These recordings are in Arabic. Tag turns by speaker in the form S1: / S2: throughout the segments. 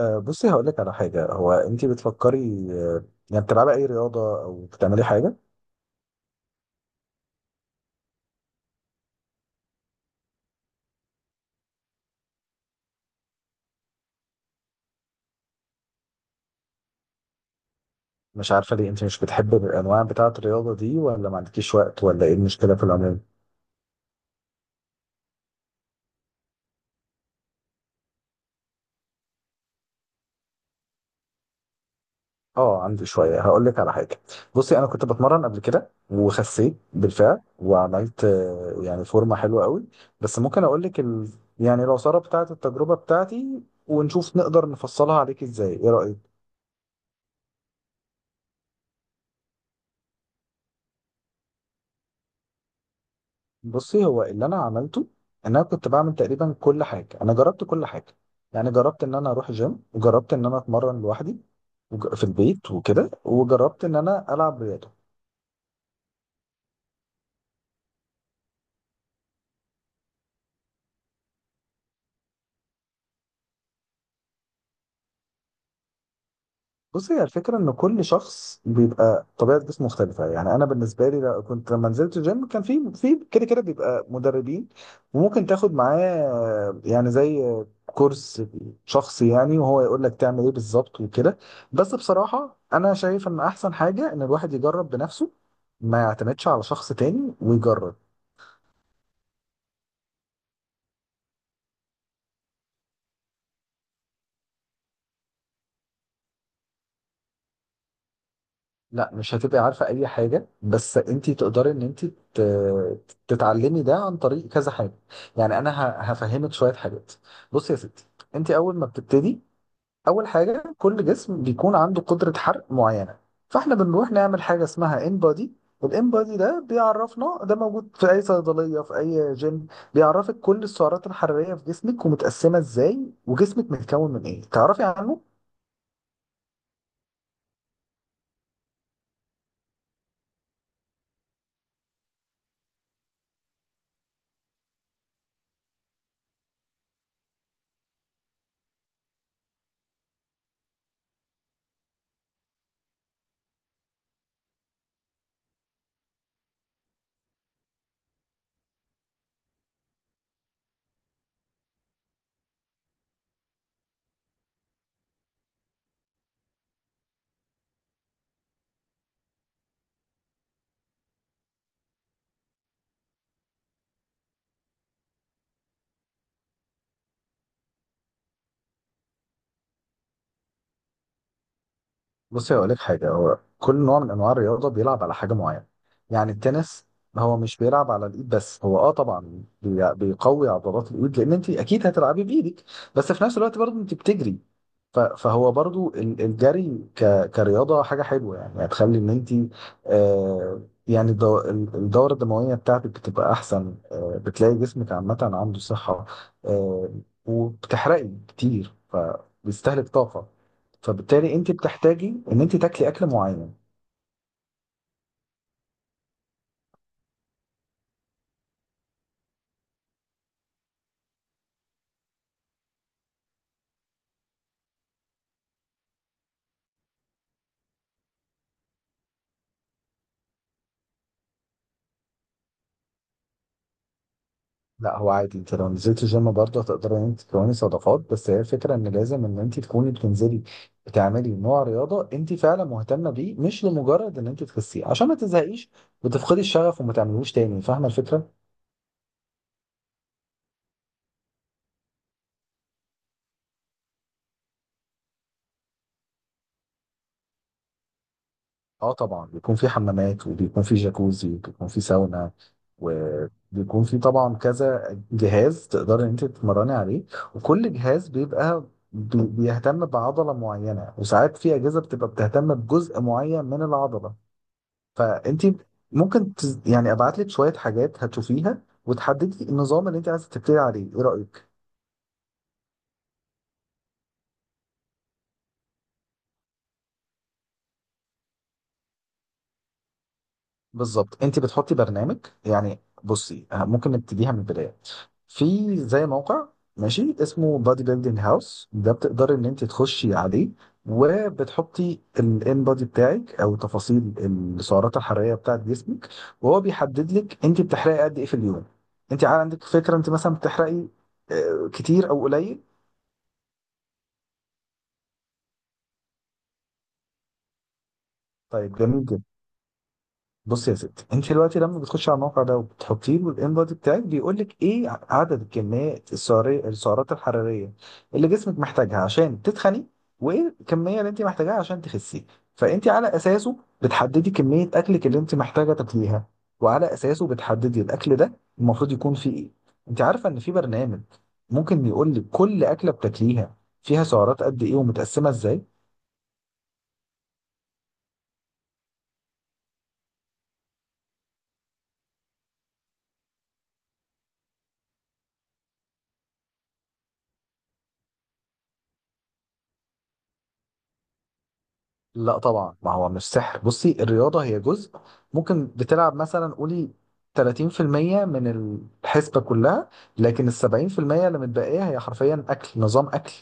S1: بصي هقول لك على حاجه. هو انت بتفكري؟ أه، يعني بتلعبي اي رياضه او بتعملي حاجه؟ مش عارفه ليه انت مش بتحبي الانواع بتاعه الرياضه دي، ولا ما عندكيش وقت، ولا ايه المشكله في العموم؟ اه عندي شويه، هقول لك على حاجه. بصي انا كنت بتمرن قبل كده وخسيت بالفعل، وعملت يعني فورمه حلوه قوي. بس ممكن اقول لك يعني العصاره بتاعه التجربه بتاعتي، ونشوف نقدر نفصلها عليك ازاي، ايه رايك؟ بصي هو اللي انا عملته، ان انا كنت بعمل تقريبا كل حاجه، انا جربت كل حاجه. يعني جربت ان انا اروح جيم، وجربت ان انا اتمرن لوحدي في البيت وكده، وجربت ان انا العب رياضه. بص هي الفكرة إن كل شخص بيبقى طبيعة جسمه مختلفة، يعني أنا بالنسبة لي كنت لما نزلت الجيم كان في كده بيبقى مدربين، وممكن تاخد معاه يعني زي كورس شخصي، يعني وهو يقول لك تعمل إيه بالظبط وكده. بس بصراحة أنا شايف إن أحسن حاجة إن الواحد يجرب بنفسه، ما يعتمدش على شخص تاني ويجرب. لا مش هتبقي عارفة أي حاجة، بس أنت تقدري إن أنت تتعلمي ده عن طريق كذا حاجة. يعني أنا هفهمك شوية حاجات. بصي يا ستي، أنت أول ما بتبتدي، أول حاجة كل جسم بيكون عنده قدرة حرق معينة، فإحنا بنروح نعمل حاجة اسمها انبادي. والانبادي ده بيعرفنا، ده موجود في أي صيدلية في أي جيم. بيعرفك كل السعرات الحرارية في جسمك ومتقسمة إزاي، وجسمك متكون من إيه تعرفي عنه. بصي هقول لك حاجه، هو كل نوع من انواع الرياضه بيلعب على حاجه معينه. يعني التنس هو مش بيلعب على الايد بس، هو اه طبعا بيقوي عضلات الايد، لان انت اكيد هتلعبي بايدك، بس في نفس الوقت برضه انت بتجري. فهو برضه الجري كرياضه حاجه حلوه، يعني هتخلي ان انت آه يعني الدوره الدمويه بتاعتك بتبقى احسن، آه بتلاقي جسمك عامه عنده صحه، آه وبتحرقي كتير فبيستهلك طاقه، فبالتالي انت بتحتاجي ان انت تاكلي اكل معين. لا هو عادي، انت لو نزلت الجيم برضه هتقدري ان انت تكوني صداقات، بس هي الفكره ان لازم ان انت تكوني بتنزلي بتعملي نوع رياضه انت فعلا مهتمه بيه، مش لمجرد ان انت تخسيه، عشان ما تزهقيش وتفقدي الشغف وما تعملوش تاني. فاهمه الفكره؟ اه طبعا بيكون في حمامات، وبيكون في جاكوزي، وبيكون في ساونا، وبيكون في طبعا كذا جهاز تقدري ان انت تتمرني عليه. وكل جهاز بيبقى بيهتم بعضلة معينة، وساعات في أجهزة بتبقى بتهتم بجزء معين من العضلة. فانت ممكن يعني ابعت لك شوية حاجات هتشوفيها، وتحددي النظام اللي انت عايزة تبتدي عليه. ايه رأيك؟ بالظبط، انت بتحطي برنامج. يعني بصي، ممكن نبتديها من البدايه. في زي موقع ماشي اسمه بادي بيلدينج هاوس، ده بتقدري ان انت تخشي عليه وبتحطي الان بادي بتاعك او تفاصيل السعرات الحراريه بتاعت جسمك، وهو بيحدد لك انت بتحرقي قد ايه في اليوم. انت عندك فكره انت مثلا بتحرقي كتير او قليل؟ طيب جميل جدا. بص يا ستي، انت دلوقتي لما بتخش على الموقع ده وبتحطيه له الانبادي بتاعك، بيقول لك ايه عدد الكميات السعريه، السعرات الحراريه اللي جسمك محتاجها عشان تتخني، وايه الكميه اللي انت محتاجاها عشان تخسي. فانت على اساسه بتحددي كميه اكلك اللي انت محتاجه تاكليها، وعلى اساسه بتحددي الاكل ده المفروض يكون فيه ايه. انت عارفه ان في برنامج ممكن يقول لك كل اكله بتاكليها فيها سعرات قد ايه ومتقسمه ازاي. لا طبعا، ما هو مش سحر. بصي، الرياضة هي جزء، ممكن بتلعب مثلا قولي 30% من الحسبة كلها، لكن ال 70% اللي متبقية هي حرفيا أكل، نظام أكل.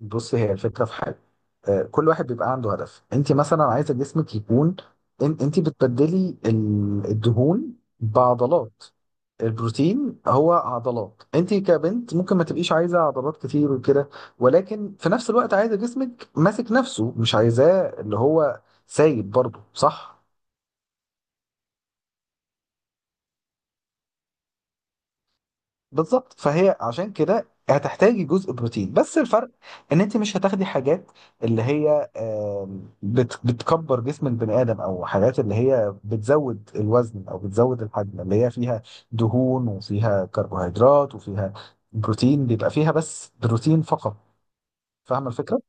S1: بص هي الفكرة في حاجة، كل واحد بيبقى عنده هدف. انت مثلا عايزة جسمك يكون انت بتبدلي الدهون بعضلات. البروتين هو عضلات، انت كبنت ممكن ما تبقيش عايزة عضلات كتير وكده، ولكن في نفس الوقت عايزة جسمك ماسك نفسه، مش عايزاه اللي هو سايب برضه، صح؟ بالظبط، فهي عشان كده هتحتاجي جزء بروتين، بس الفرق ان انت مش هتاخدي حاجات اللي هي بتكبر جسم البني ادم، او حاجات اللي هي بتزود الوزن او بتزود الحجم، اللي هي فيها دهون وفيها كربوهيدرات وفيها بروتين. بيبقى فيها بس بروتين فقط. فاهمه الفكره؟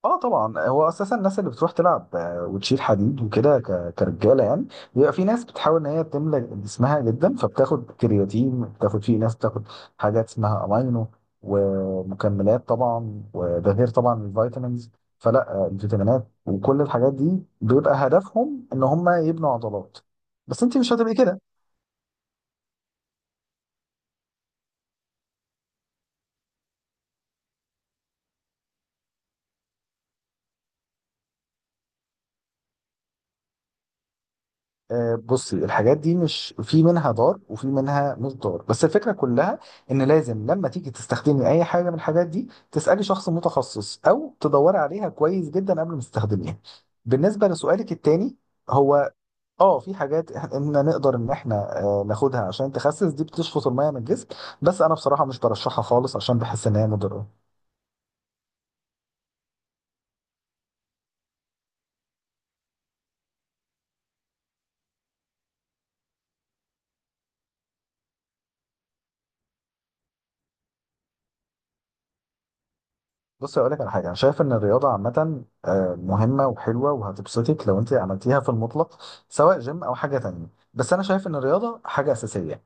S1: اه طبعا، هو اساسا الناس اللي بتروح تلعب وتشيل حديد وكده كرجاله يعني، بيبقى في ناس بتحاول ان هي تملى جسمها جدا، فبتاخد كرياتين، بتاخد، في ناس بتاخد حاجات اسمها امينو، ومكملات طبعا، وده غير طبعا الفيتامينز. فلا الفيتامينات وكل الحاجات دي بيبقى هدفهم ان هم يبنوا عضلات، بس انت مش هتبقي كده. بصي، الحاجات دي مش في منها ضار وفي منها مش ضار، بس الفكره كلها ان لازم لما تيجي تستخدمي اي حاجه من الحاجات دي، تسالي شخص متخصص او تدوري عليها كويس جدا قبل ما تستخدميها. بالنسبه لسؤالك التاني، هو اه في حاجات احنا نقدر ان احنا ناخدها عشان تخسس، دي بتشفط الميه من الجسم، بس انا بصراحه مش برشحها خالص عشان بحس ان هي مضره. بص اقول لك على حاجه، انا شايف ان الرياضه عامه مهمه وحلوه وهتبسطك لو انت عملتيها في المطلق، سواء جيم او حاجه تانية. بس انا شايف ان الرياضه حاجه اساسيه.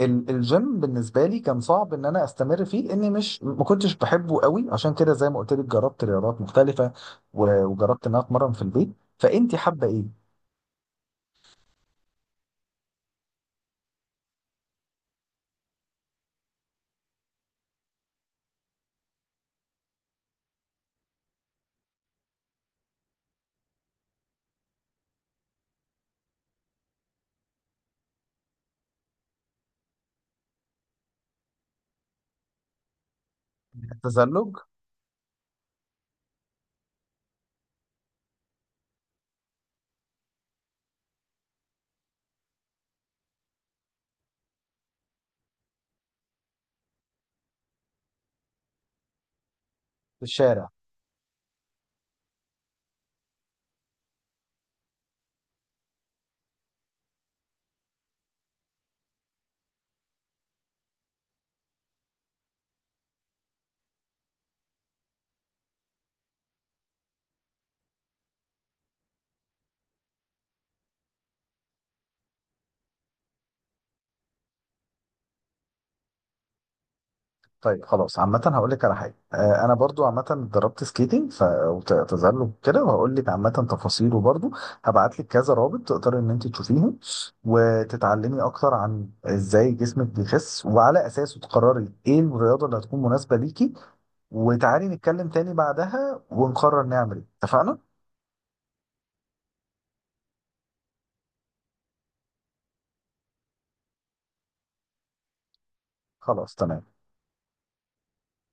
S1: الجيم بالنسبه لي كان صعب ان انا استمر فيه، لاني مش، ما كنتش بحبه قوي، عشان كده زي ما قلت لك جربت رياضات مختلفه، وجربت ان انا اتمرن في البيت. فانت حابه ايه؟ التزلج في الشارع. طيب خلاص، عامة هقول لك على حاجة. أنا برضو عامة اتدربت سكيتنج وتزلج كده، وهقول لك عامة تفاصيله برضو. هبعت لك كذا رابط تقدر إن أنت تشوفيهم وتتعلمي أكتر عن إزاي جسمك بيخس، وعلى أساسه تقرري إيه الرياضة اللي هتكون مناسبة ليكي، وتعالي نتكلم تاني بعدها ونقرر نعمل إيه. اتفقنا؟ خلاص تمام.